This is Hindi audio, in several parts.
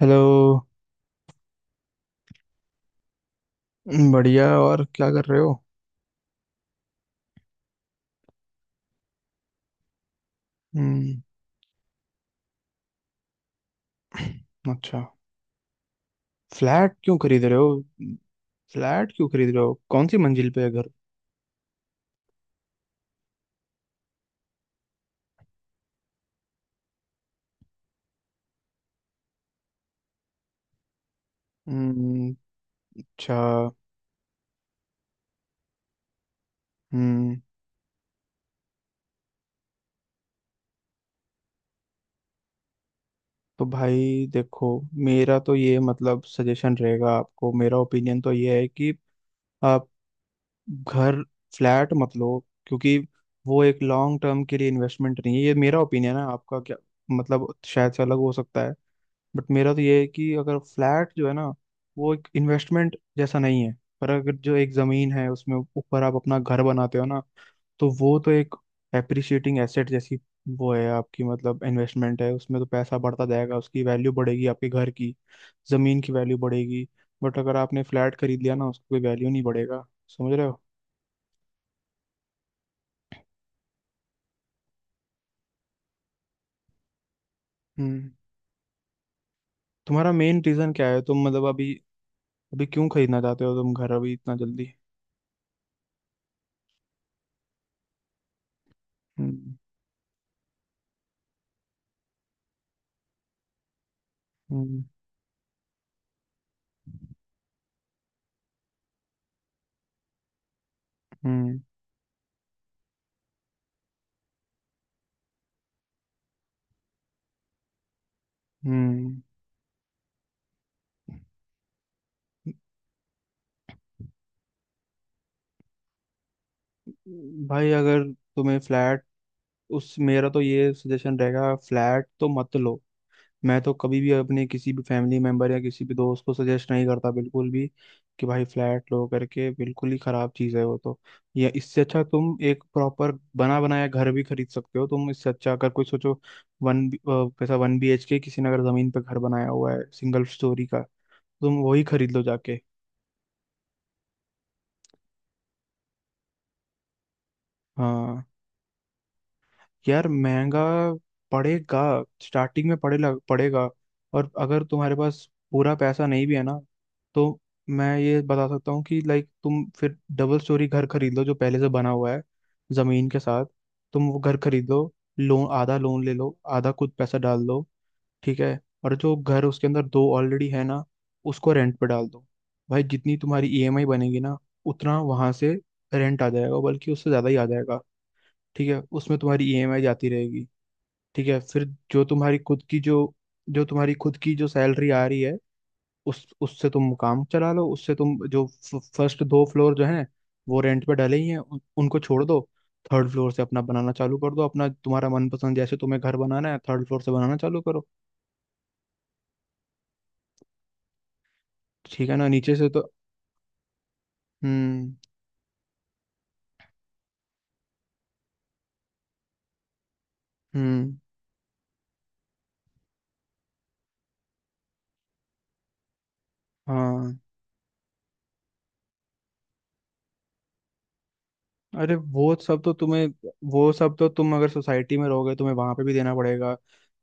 हेलो। बढ़िया। और क्या कर रहे हो? हम्म। अच्छा। फ्लैट क्यों खरीद रहे हो? फ्लैट क्यों खरीद रहे हो? कौन सी मंजिल पे है घर? हम्म। अच्छा। हम्म। तो भाई देखो, मेरा तो ये मतलब सजेशन रहेगा आपको, मेरा ओपिनियन तो ये है कि आप घर फ्लैट मत लो, क्योंकि वो एक लॉन्ग टर्म के लिए इन्वेस्टमेंट नहीं है। ये मेरा ओपिनियन है, आपका क्या मतलब शायद से अलग हो सकता है। बट मेरा तो ये है कि अगर फ्लैट जो है ना, वो एक इन्वेस्टमेंट जैसा नहीं है। पर अगर जो एक जमीन है उसमें ऊपर आप अपना घर बनाते हो ना, तो वो तो एक एप्रिशिएटिंग एसेट जैसी वो है आपकी, मतलब इन्वेस्टमेंट है। उसमें तो पैसा बढ़ता जाएगा, उसकी वैल्यू बढ़ेगी, आपके घर की जमीन की वैल्यू बढ़ेगी। बट अगर आपने फ्लैट खरीद लिया ना, उसकी कोई वैल्यू नहीं बढ़ेगा। समझ रहे हो? हम्म। तुम्हारा मेन रीजन क्या है? तुम मतलब अभी, अभी क्यों खरीदना चाहते हो तुम घर अभी इतना जल्दी? हम्म। हम्म। हम्म। हम्म। भाई अगर तुम्हें फ्लैट, उस मेरा तो ये सजेशन रहेगा, फ्लैट तो मत लो। मैं तो कभी भी अपने किसी भी फैमिली मेंबर या किसी भी दोस्त को सजेस्ट नहीं करता, बिल्कुल भी, कि भाई फ्लैट लो करके। बिल्कुल ही खराब चीज़ है वो तो। या इससे अच्छा तुम एक प्रॉपर बना बनाया घर भी खरीद सकते हो। तुम इससे अच्छा अगर कोई सोचो, वन पैसा वन बी एच के, किसी ने अगर जमीन पे घर बनाया हुआ है सिंगल स्टोरी का, तुम वही खरीद लो जाके। हाँ। यार महंगा पड़ेगा स्टार्टिंग में पड़ेगा। और अगर तुम्हारे पास पूरा पैसा नहीं भी है ना, तो मैं ये बता सकता हूँ कि लाइक तुम फिर डबल स्टोरी घर खरीद लो जो पहले से बना हुआ है जमीन के साथ। तुम वो घर खरीद लो, लोन, आधा लोन ले लो, आधा खुद पैसा डाल दो। ठीक है। और जो घर उसके अंदर दो ऑलरेडी है ना, उसको रेंट पे डाल दो। भाई जितनी तुम्हारी ईएमआई बनेगी ना, उतना वहां से रेंट आ जाएगा, बल्कि उससे ज्यादा ही आ जाएगा। ठीक है, उसमें तुम्हारी ईएमआई जाती रहेगी। ठीक है। फिर जो तुम्हारी खुद की जो जो तुम्हारी खुद की जो सैलरी आ रही है, उस उससे तुम काम चला लो, उससे तुम जो फर्स्ट दो फ्लोर जो हैं, वो रेंट पे डले ही हैं उनको छोड़ दो। थर्ड फ्लोर से अपना बनाना चालू कर दो, अपना तुम्हारा मनपसंद जैसे तुम्हें घर बनाना है, थर्ड फ्लोर से बनाना चालू करो। ठीक है ना, नीचे से तो। हम्म। हम्म। हाँ। अरे वो सब तो तुम्हें, वो सब तो तुम अगर सोसाइटी में रहोगे तुम्हें वहां पे भी देना पड़ेगा।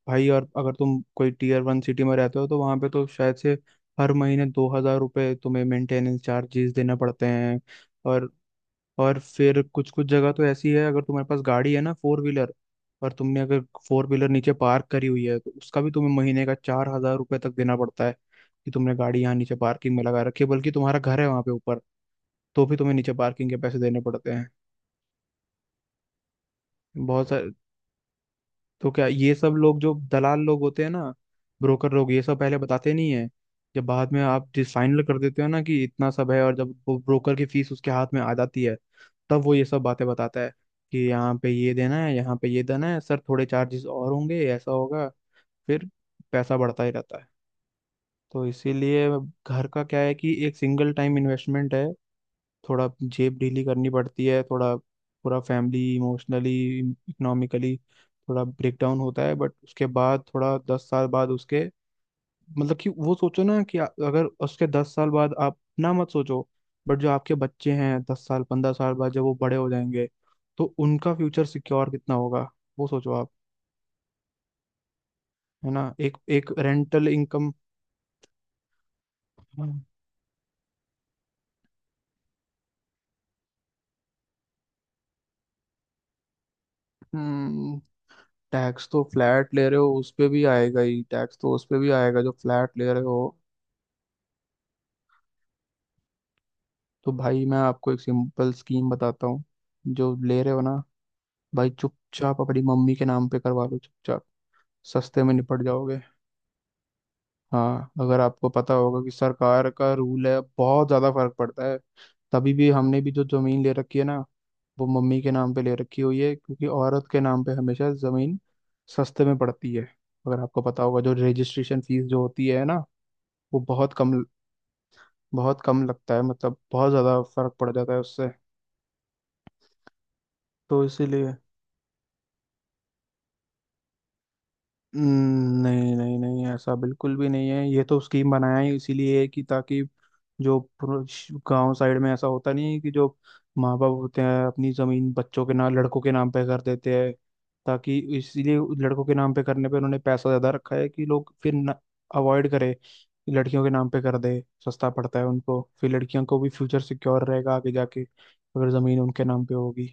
भाई, और अगर तुम कोई टीयर वन सिटी में रहते हो तो वहां पे तो शायद से हर महीने 2,000 रुपये तुम्हें मेंटेनेंस चार्जेस देने पड़ते हैं। और और फिर कुछ कुछ जगह तो ऐसी है, अगर तुम्हारे पास गाड़ी है ना, फोर व्हीलर, और तुमने अगर फोर व्हीलर नीचे पार्क करी हुई है तो उसका भी तुम्हें महीने का 4,000 रुपये तक देना पड़ता है, कि तुमने गाड़ी यहाँ नीचे पार्किंग में लगा रखी है, बल्कि तुम्हारा घर है वहां पे ऊपर, तो भी तुम्हें नीचे पार्किंग के पैसे देने पड़ते हैं। बहुत सारे। तो क्या ये सब लोग जो दलाल लोग होते हैं ना, ब्रोकर लोग, ये सब पहले बताते नहीं है। जब बाद में आप जिस फाइनल कर देते हो ना कि इतना सब है, और जब वो ब्रोकर की फीस उसके हाथ में आ जाती है, तब वो ये सब बातें बताता है कि यहाँ पे ये देना है, यहाँ पे ये देना है, सर थोड़े चार्जेस और होंगे, ऐसा होगा। फिर पैसा बढ़ता ही रहता है। तो इसीलिए घर का क्या है, कि एक सिंगल टाइम इन्वेस्टमेंट है, थोड़ा जेब ढीली करनी पड़ती है, थोड़ा पूरा फैमिली इमोशनली इकोनॉमिकली थोड़ा ब्रेकडाउन होता है, बट उसके बाद थोड़ा 10 साल बाद उसके मतलब कि वो सोचो ना कि अगर उसके 10 साल बाद आप ना, मत सोचो, बट जो आपके बच्चे हैं, 10 साल 15 साल बाद जब वो बड़े हो जाएंगे, तो उनका फ्यूचर सिक्योर कितना होगा, वो सोचो आप। है ना? एक एक रेंटल इनकम। टैक्स तो फ्लैट ले रहे हो उस पे भी आएगा ही, टैक्स तो उस पे भी आएगा जो फ्लैट ले रहे हो। तो भाई मैं आपको एक सिंपल स्कीम बताता हूँ। जो ले रहे हो ना भाई, चुपचाप अपनी मम्मी के नाम पे करवा लो, चुपचाप। सस्ते में निपट जाओगे। हाँ, अगर आपको पता होगा कि सरकार का रूल है, बहुत ज़्यादा फर्क पड़ता है। तभी भी हमने भी जो ज़मीन ले रखी है ना, वो मम्मी के नाम पे ले रखी हुई है, क्योंकि औरत के नाम पे हमेशा ज़मीन सस्ते में पड़ती है। अगर आपको पता होगा जो रजिस्ट्रेशन फीस जो होती है ना, वो बहुत कम, बहुत कम लगता है, मतलब बहुत ज़्यादा फर्क पड़ जाता है उससे। तो इसीलिए नहीं नहीं नहीं, ऐसा बिल्कुल भी नहीं है। ये तो स्कीम बनाया ही इसीलिए है कि, ताकि जो गांव साइड में ऐसा होता नहीं है कि जो माँ बाप होते हैं अपनी जमीन बच्चों के नाम, लड़कों के नाम पे कर देते हैं, ताकि इसीलिए लड़कों के नाम पे करने पे उन्होंने पैसा ज्यादा रखा है, कि लोग फिर अवॉइड करें कि लड़कियों के नाम पे कर दे, सस्ता पड़ता है उनको, फिर लड़कियों को भी फ्यूचर सिक्योर रहेगा आगे जाके अगर जमीन उनके नाम पे होगी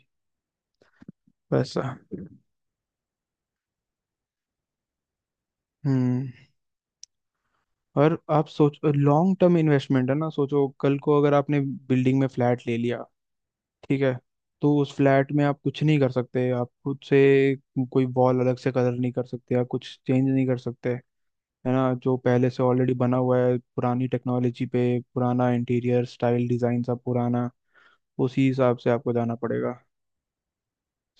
वैसा। हम्म। और आप सोच, लॉन्ग टर्म इन्वेस्टमेंट है ना, सोचो कल को अगर आपने बिल्डिंग में फ्लैट ले लिया, ठीक है, तो उस फ्लैट में आप कुछ नहीं कर सकते आप खुद से। कोई वॉल अलग से कलर नहीं कर सकते, आप कुछ चेंज नहीं कर सकते। है ना? जो पहले से ऑलरेडी बना हुआ है पुरानी टेक्नोलॉजी पे, पुराना इंटीरियर स्टाइल डिजाइन सब पुराना, उसी हिसाब से आपको जाना पड़ेगा।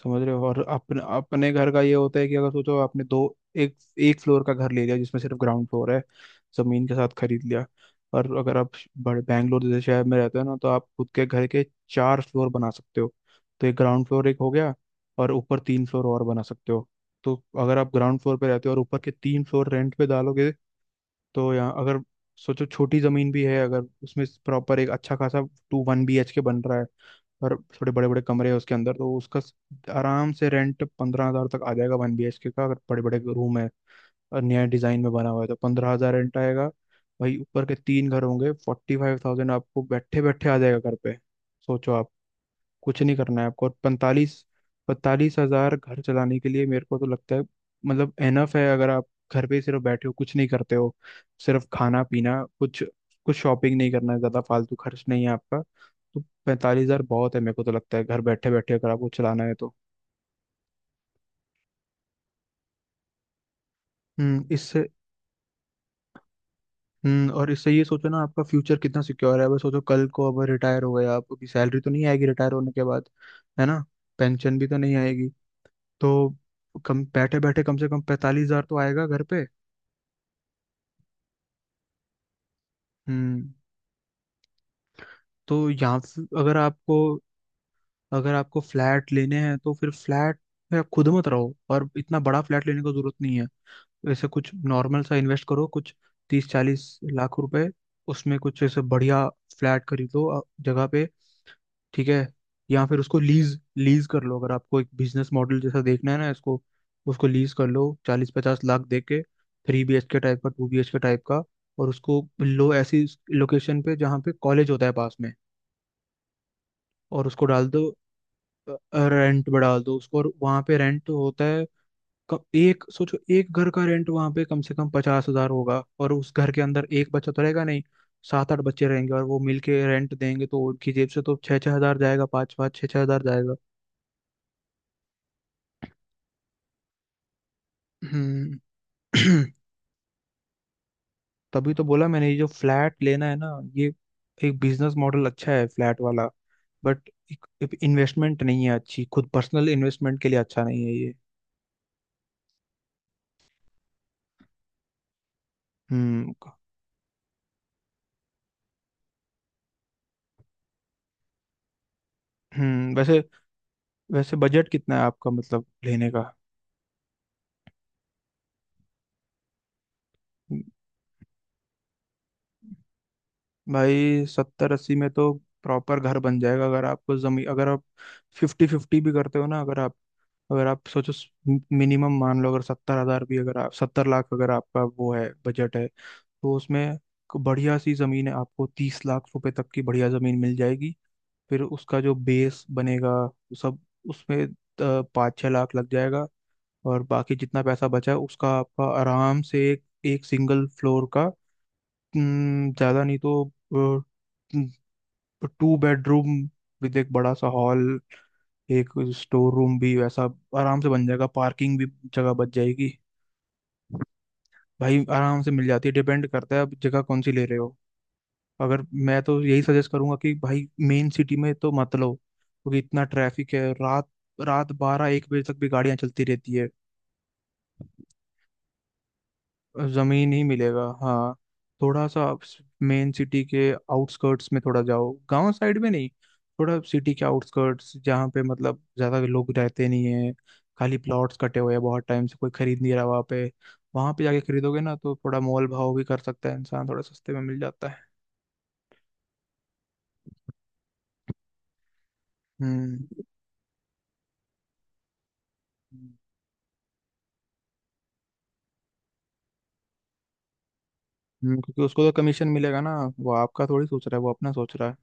समझ रहे हो? और अपने अपने घर का ये होता है कि अगर सोचो आपने दो, एक एक फ्लोर का घर ले लिया जिसमें सिर्फ ग्राउंड फ्लोर है, जमीन के साथ खरीद लिया, और अगर आप बड़े बैंगलोर जैसे शहर में रहते हो ना, तो आप खुद के घर के चार फ्लोर बना सकते हो। तो एक ग्राउंड फ्लोर एक हो गया, और ऊपर तीन फ्लोर और बना सकते हो। तो अगर आप ग्राउंड फ्लोर पे रहते हो और ऊपर के तीन फ्लोर रेंट पे डालोगे, तो यहाँ अगर सोचो छोटी जमीन भी है, अगर उसमें प्रॉपर एक अच्छा खासा two one B H K बन रहा है, और थोड़े बड़े बड़े कमरे हैं उसके अंदर तो उसका आराम से रेंट 15,000 तक आ जाएगा वन बी एच के का, अगर बड़े बड़े रूम है और नया डिजाइन में बना हुआ है तो 15,000 रेंट आएगा। भाई ऊपर के तीन घर होंगे, 45,000 आपको बैठे बैठे आ जाएगा घर पे, सोचो आप। कुछ नहीं करना है आपको। और 45, 45,000 घर चलाने के लिए मेरे को तो लगता है, मतलब एनफ है, अगर आप घर पे सिर्फ बैठे हो, कुछ नहीं करते हो, सिर्फ खाना पीना, कुछ कुछ शॉपिंग नहीं करना है, ज्यादा फालतू खर्च नहीं है आपका, तो 45,000 बहुत है मेरे को तो लगता है, घर बैठे बैठे अगर आपको चलाना है तो। इससे। हम्म। और इससे ये सोचो ना आपका फ्यूचर कितना सिक्योर है। अब सोचो कल को अब रिटायर हो गए आप, आपकी सैलरी तो नहीं आएगी रिटायर होने के बाद। है ना? पेंशन भी तो नहीं आएगी। तो कम बैठे बैठे कम से कम 45,000 तो आएगा घर पे। हम्म। तो यहाँ फिर अगर आपको, अगर आपको फ्लैट लेने हैं तो फिर फ्लैट में आप खुद मत रहो, और इतना बड़ा फ्लैट लेने की जरूरत नहीं है। ऐसे कुछ नॉर्मल सा इन्वेस्ट करो कुछ 30-40 लाख रुपए, उसमें कुछ ऐसे बढ़िया फ्लैट खरीदो जगह पे। ठीक है। या फिर उसको लीज लीज कर लो, अगर आपको एक बिजनेस मॉडल जैसा देखना है ना इसको, उसको लीज कर लो 40-50 लाख दे के, three B H K type का, two B H K type का, और उसको लो ऐसी लोकेशन पे जहाँ पे कॉलेज होता है पास में, और उसको डाल दो, रेंट पे डाल दो उसको। और वहाँ पे रेंट होता है, एक सोचो एक घर का रेंट वहाँ पे कम से कम 50,000 होगा, और उस घर के अंदर एक बच्चा तो रहेगा नहीं, 7-8 बच्चे रहेंगे और वो मिलके रेंट देंगे, तो उनकी जेब से तो 6,000 जाएगा, 5,000 6,000 जाएगा। हम्म। तभी तो बोला मैंने, ये जो फ्लैट लेना है ना, ये एक बिजनेस मॉडल अच्छा है फ्लैट वाला, बट एक इन्वेस्टमेंट नहीं है अच्छी, खुद पर्सनल इन्वेस्टमेंट के लिए अच्छा नहीं है ये। हम्म। हम्म। वैसे, वैसे बजट कितना है आपका मतलब लेने का? भाई 70-80 में तो प्रॉपर घर बन जाएगा, अगर आपको जमीन अगर आप फिफ्टी फिफ्टी भी करते हो ना, अगर अगर आप सोचो, मिनिमम मान लो अगर 70,000 भी, अगर आप 70 लाख अगर आपका वो है बजट है, तो उसमें एक बढ़िया सी जमीन है, आपको 30 लाख रुपए तक की बढ़िया जमीन मिल जाएगी। फिर उसका जो बेस बनेगा वो सब, उसमें 5-6 लाख लग जाएगा। और बाकी जितना पैसा बचा है उसका आपका आराम से एक एक सिंगल फ्लोर का, ज़्यादा नहीं तो टू बेडरूम विद एक बड़ा सा हॉल, एक स्टोर रूम भी वैसा, आराम से बन जाएगा, पार्किंग भी जगह बच जाएगी। भाई आराम से मिल जाती है, डिपेंड करता है आप जगह कौन सी ले रहे हो। अगर मैं तो यही सजेस्ट करूंगा कि भाई मेन सिटी में तो मत लो, क्योंकि इतना ट्रैफिक है, रात, रात 12-1 बजे तक भी गाड़ियां चलती रहती है। जमीन ही मिलेगा, हाँ, थोड़ा सा मेन सिटी के आउटस्कर्ट्स में थोड़ा जाओ, गांव साइड में नहीं। थोड़ा सिटी के आउटस्कर्ट्स, जहाँ पे मतलब ज्यादा लोग रहते नहीं है, खाली प्लॉट्स कटे हुए हैं बहुत टाइम से कोई खरीद नहीं रहा वहाँ पे, वहाँ पे जाके खरीदोगे ना तो थोड़ा मोल भाव भी कर सकता है इंसान, थोड़ा सस्ते में मिल जाता है। हम्म। क्योंकि उसको तो कमीशन मिलेगा ना, वो आपका थोड़ी सोच रहा है, वो अपना सोच रहा है।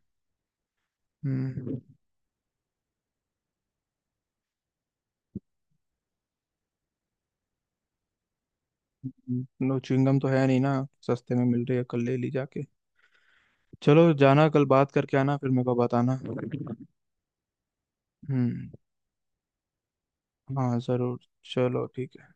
हम्म। नो, च्युइंगम तो है नहीं ना, सस्ते में मिल रही है कल ले ली जाके। चलो जाना कल, बात करके आना, फिर मेरे को बताना। हम्म। हाँ जरूर। चलो ठीक है।